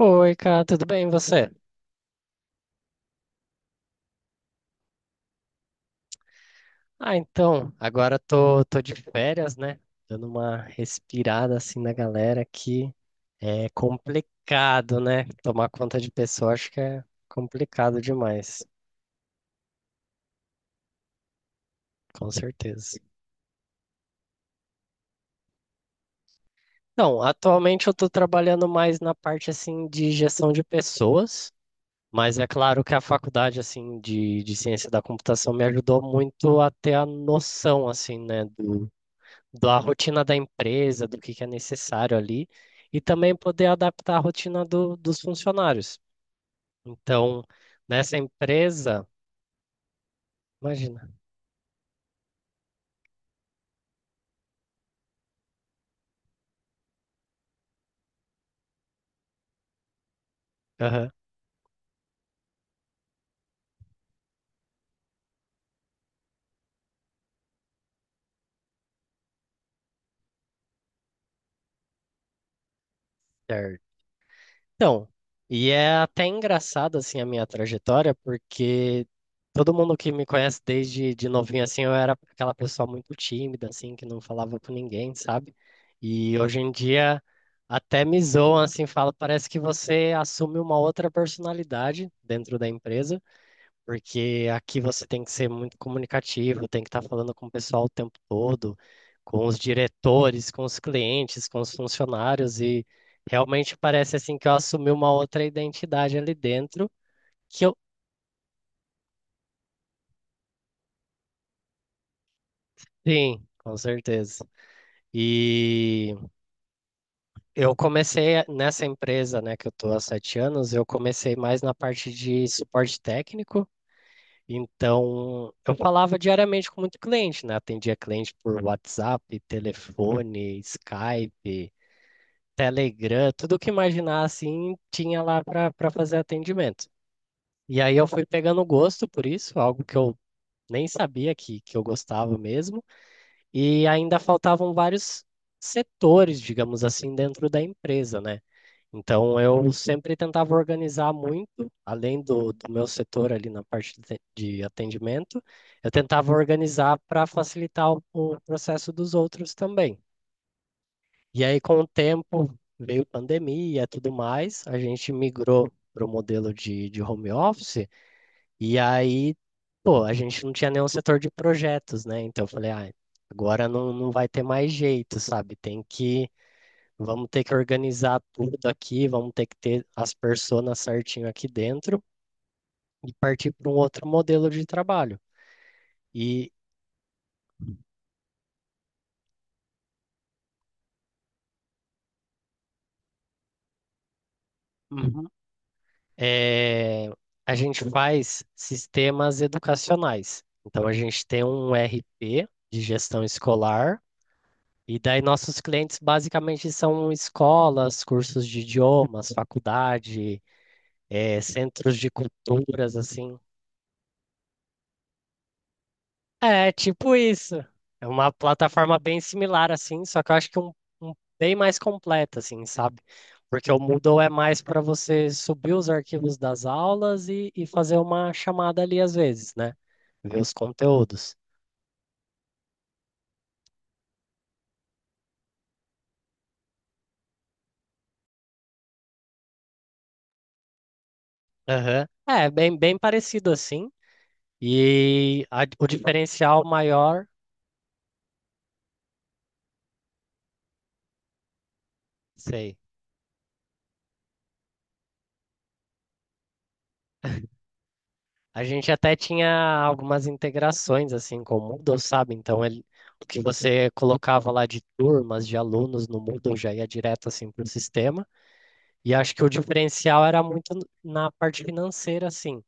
Oi, cara, tudo bem e você? Ah, então, agora tô de férias, né? Dando uma respirada assim na galera que é complicado, né? Tomar conta de pessoa acho que é complicado demais, com certeza. Então, atualmente eu tô trabalhando mais na parte assim de gestão de pessoas, mas é claro que a faculdade assim de ciência da computação me ajudou muito a ter a noção assim, né, da rotina da empresa, do que é necessário ali, e também poder adaptar a rotina dos funcionários. Então, nessa empresa, imagina. Aham, certo. Então, e é até engraçado assim a minha trajetória, porque todo mundo que me conhece desde de novinho assim, eu era aquela pessoa muito tímida assim, que não falava com ninguém, sabe? E hoje em dia até me zoam assim, fala, parece que você assume uma outra personalidade dentro da empresa. Porque aqui você tem que ser muito comunicativo, tem que estar falando com o pessoal o tempo todo, com os diretores, com os clientes, com os funcionários, e realmente parece assim que eu assumi uma outra identidade ali dentro, que eu, sim, com certeza. E eu comecei nessa empresa, né, que eu estou há 7 anos, eu comecei mais na parte de suporte técnico. Então, eu falava diariamente com muito cliente, né? Atendia cliente por WhatsApp, telefone, Skype, Telegram, tudo que imaginar assim tinha lá para fazer atendimento. E aí eu fui pegando gosto por isso, algo que eu nem sabia que eu gostava mesmo. E ainda faltavam vários setores, digamos assim, dentro da empresa, né? Então, eu sempre tentava organizar muito, além do meu setor ali na parte de atendimento, eu tentava organizar para facilitar o processo dos outros também. E aí, com o tempo, veio pandemia e tudo mais, a gente migrou para o modelo de home office, e aí, pô, a gente não tinha nenhum setor de projetos, né? Então, eu falei, ah, agora não vai ter mais jeito, sabe? Tem que vamos ter que organizar tudo aqui, vamos ter que ter as personas certinho aqui dentro e partir para um outro modelo de trabalho. E uhum. eh, a gente faz sistemas educacionais. Então, a gente tem um RP de gestão escolar, e daí nossos clientes basicamente são escolas, cursos de idiomas, faculdade, centros de culturas, assim. É, tipo isso. É uma plataforma bem similar, assim, só que eu acho que um bem mais completa, assim, sabe? Porque o Moodle é mais para você subir os arquivos das aulas e fazer uma chamada ali às vezes, né? Ver os conteúdos. Aham. É, bem, bem parecido assim. E o diferencial maior, sei. A gente até tinha algumas integrações assim com o Moodle, sabe? Então ele, o que você colocava lá de turmas, de alunos no Moodle já ia direto assim para o sistema. E acho que o diferencial era muito na parte financeira, assim.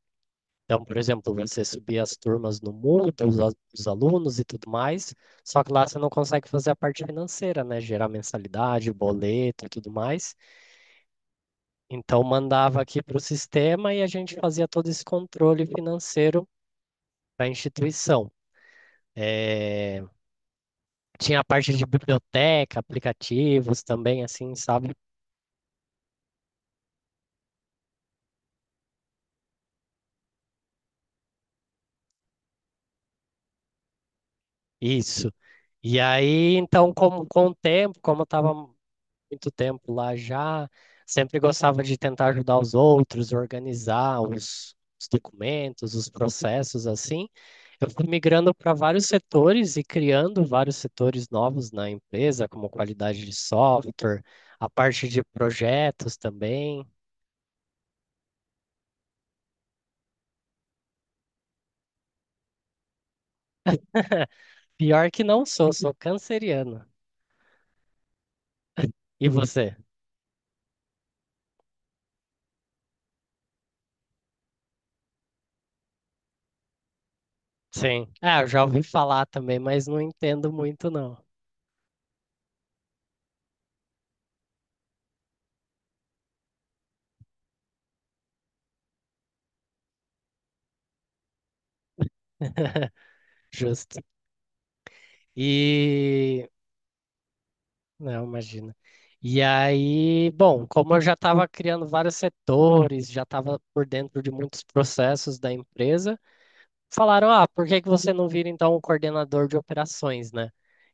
Então, por exemplo, você subia as turmas no Moodle, os, os alunos e tudo mais, só que lá você não consegue fazer a parte financeira, né? Gerar mensalidade, boleto e tudo mais. Então, mandava aqui para o sistema e a gente fazia todo esse controle financeiro para a instituição. É, tinha a parte de biblioteca, aplicativos também, assim, sabe? Isso. E aí, então, com o tempo, como eu estava muito tempo lá já, sempre gostava de tentar ajudar os outros, organizar os documentos, os processos, assim. Eu fui migrando para vários setores e criando vários setores novos na empresa, como qualidade de software, a parte de projetos também. Pior que não sou, sou canceriano. E você? Sim. Ah, eu já ouvi falar também, mas não entendo muito, não. Justo. E. Não, imagina. E aí, bom, como eu já estava criando vários setores, já estava por dentro de muitos processos da empresa, falaram, ah, por que que você não vira então um coordenador de operações, né?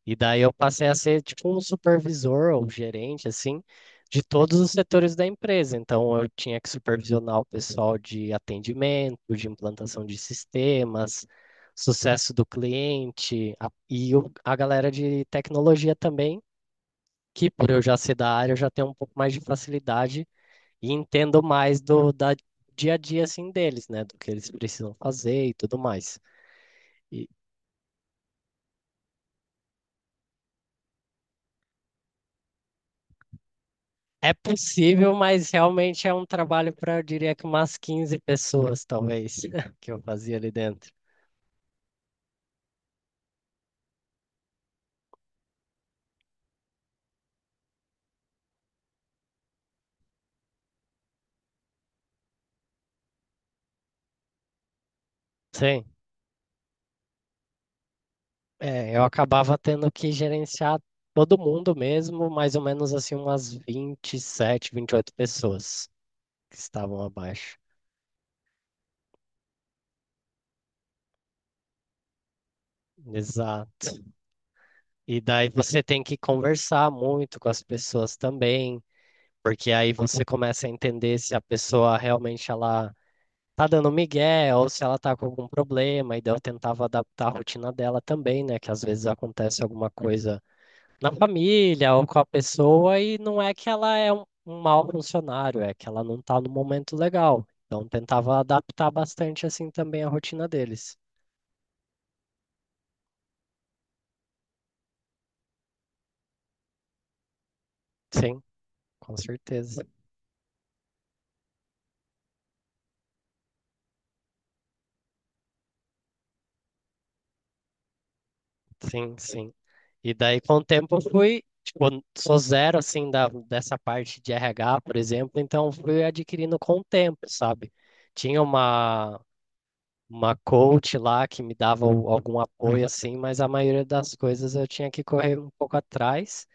E daí eu passei a ser tipo um supervisor ou gerente, assim, de todos os setores da empresa. Então eu tinha que supervisionar o pessoal de atendimento, de implantação de sistemas, sucesso do cliente e a galera de tecnologia também, que por eu já ser da área, eu já tenho um pouco mais de facilidade e entendo mais do da dia a dia assim deles, né, do que eles precisam fazer e tudo mais. E é possível, mas realmente é um trabalho para, eu diria que umas 15 pessoas, talvez, que eu fazia ali dentro. Sim, é, eu acabava tendo que gerenciar todo mundo mesmo, mais ou menos assim, umas 27, oito pessoas que estavam abaixo. Exato. E daí você tem que conversar muito com as pessoas também, porque aí você começa a entender se a pessoa realmente ela tá dando migué, ou se ela tá com algum problema, e daí eu tentava adaptar a rotina dela também, né? Que às vezes acontece alguma coisa na família ou com a pessoa, e não é que ela é um, um mau funcionário, é que ela não tá no momento legal. Então tentava adaptar bastante assim também a rotina deles. Sim, com certeza. Sim, sim. E daí com o tempo eu fui, tipo, sou zero assim dessa parte de RH, por exemplo, então fui adquirindo com o tempo, sabe? Tinha uma coach lá que me dava algum apoio assim, mas a maioria das coisas eu tinha que correr um pouco atrás.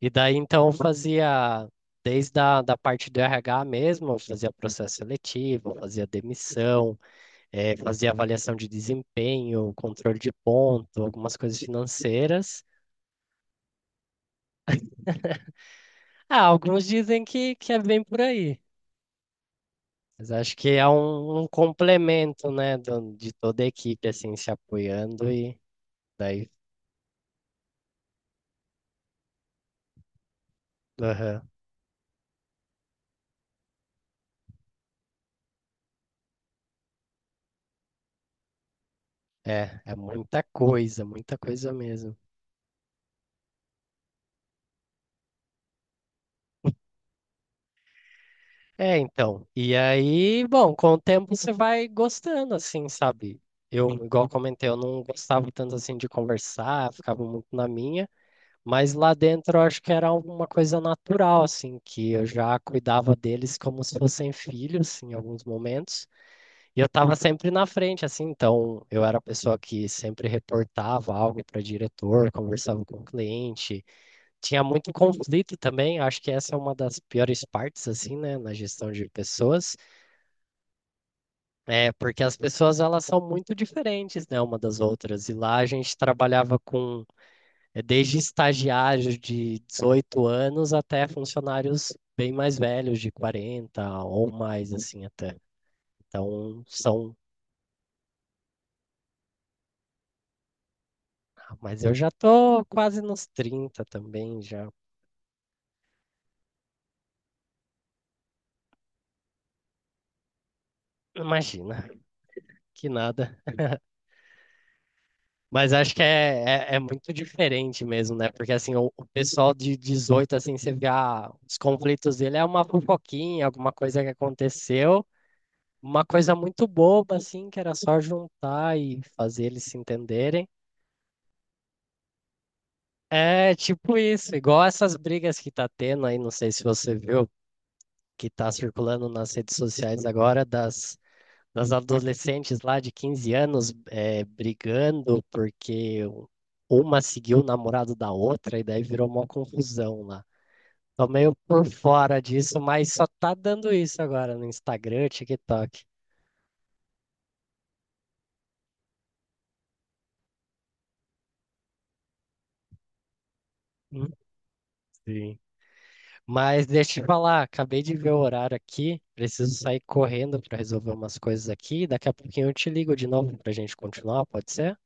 E daí então eu fazia desde a da parte do RH mesmo, eu fazia processo seletivo, eu fazia demissão, fazia avaliação de desempenho, controle de ponto, algumas coisas financeiras. Ah, alguns dizem que é bem por aí. Mas acho que é um, um complemento, né, de toda a equipe, assim, se apoiando e daí. Aham. É, é muita coisa mesmo. É, então. E aí, bom, com o tempo você vai gostando, assim, sabe? Eu, igual comentei, eu não gostava tanto assim de conversar, ficava muito na minha, mas lá dentro eu acho que era alguma coisa natural, assim, que eu já cuidava deles como se fossem filhos, assim, em alguns momentos, e eu tava sempre na frente, assim, então eu era a pessoa que sempre reportava algo para diretor, conversava com o cliente. Tinha muito conflito também, acho que essa é uma das piores partes, assim, né, na gestão de pessoas, é porque as pessoas, elas são muito diferentes, né, uma das outras, e lá a gente trabalhava com, desde estagiários de 18 anos até funcionários bem mais velhos, de 40 ou mais, assim, até. Então, são, mas eu já tô quase nos 30 também, já, imagina, que nada. Mas acho que é, é, é muito diferente mesmo, né? Porque assim, o pessoal de 18 assim, você vê ah, os conflitos dele é uma fofoquinha, alguma coisa que aconteceu, uma coisa muito boba, assim, que era só juntar e fazer eles se entenderem. É tipo isso, igual essas brigas que tá tendo aí, não sei se você viu, que tá circulando nas redes sociais agora, das adolescentes lá de 15 anos brigando porque uma seguiu o namorado da outra e daí virou uma confusão lá. Tô meio por fora disso, mas só tá dando isso agora no Instagram, TikTok. Hum, Sim. Mas deixa eu te falar, acabei de ver o horário aqui, preciso sair correndo para resolver umas coisas aqui. Daqui a pouquinho eu te ligo de novo pra gente continuar, pode ser?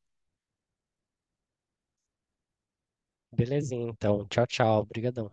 Belezinha, então. Tchau, tchau. Obrigadão.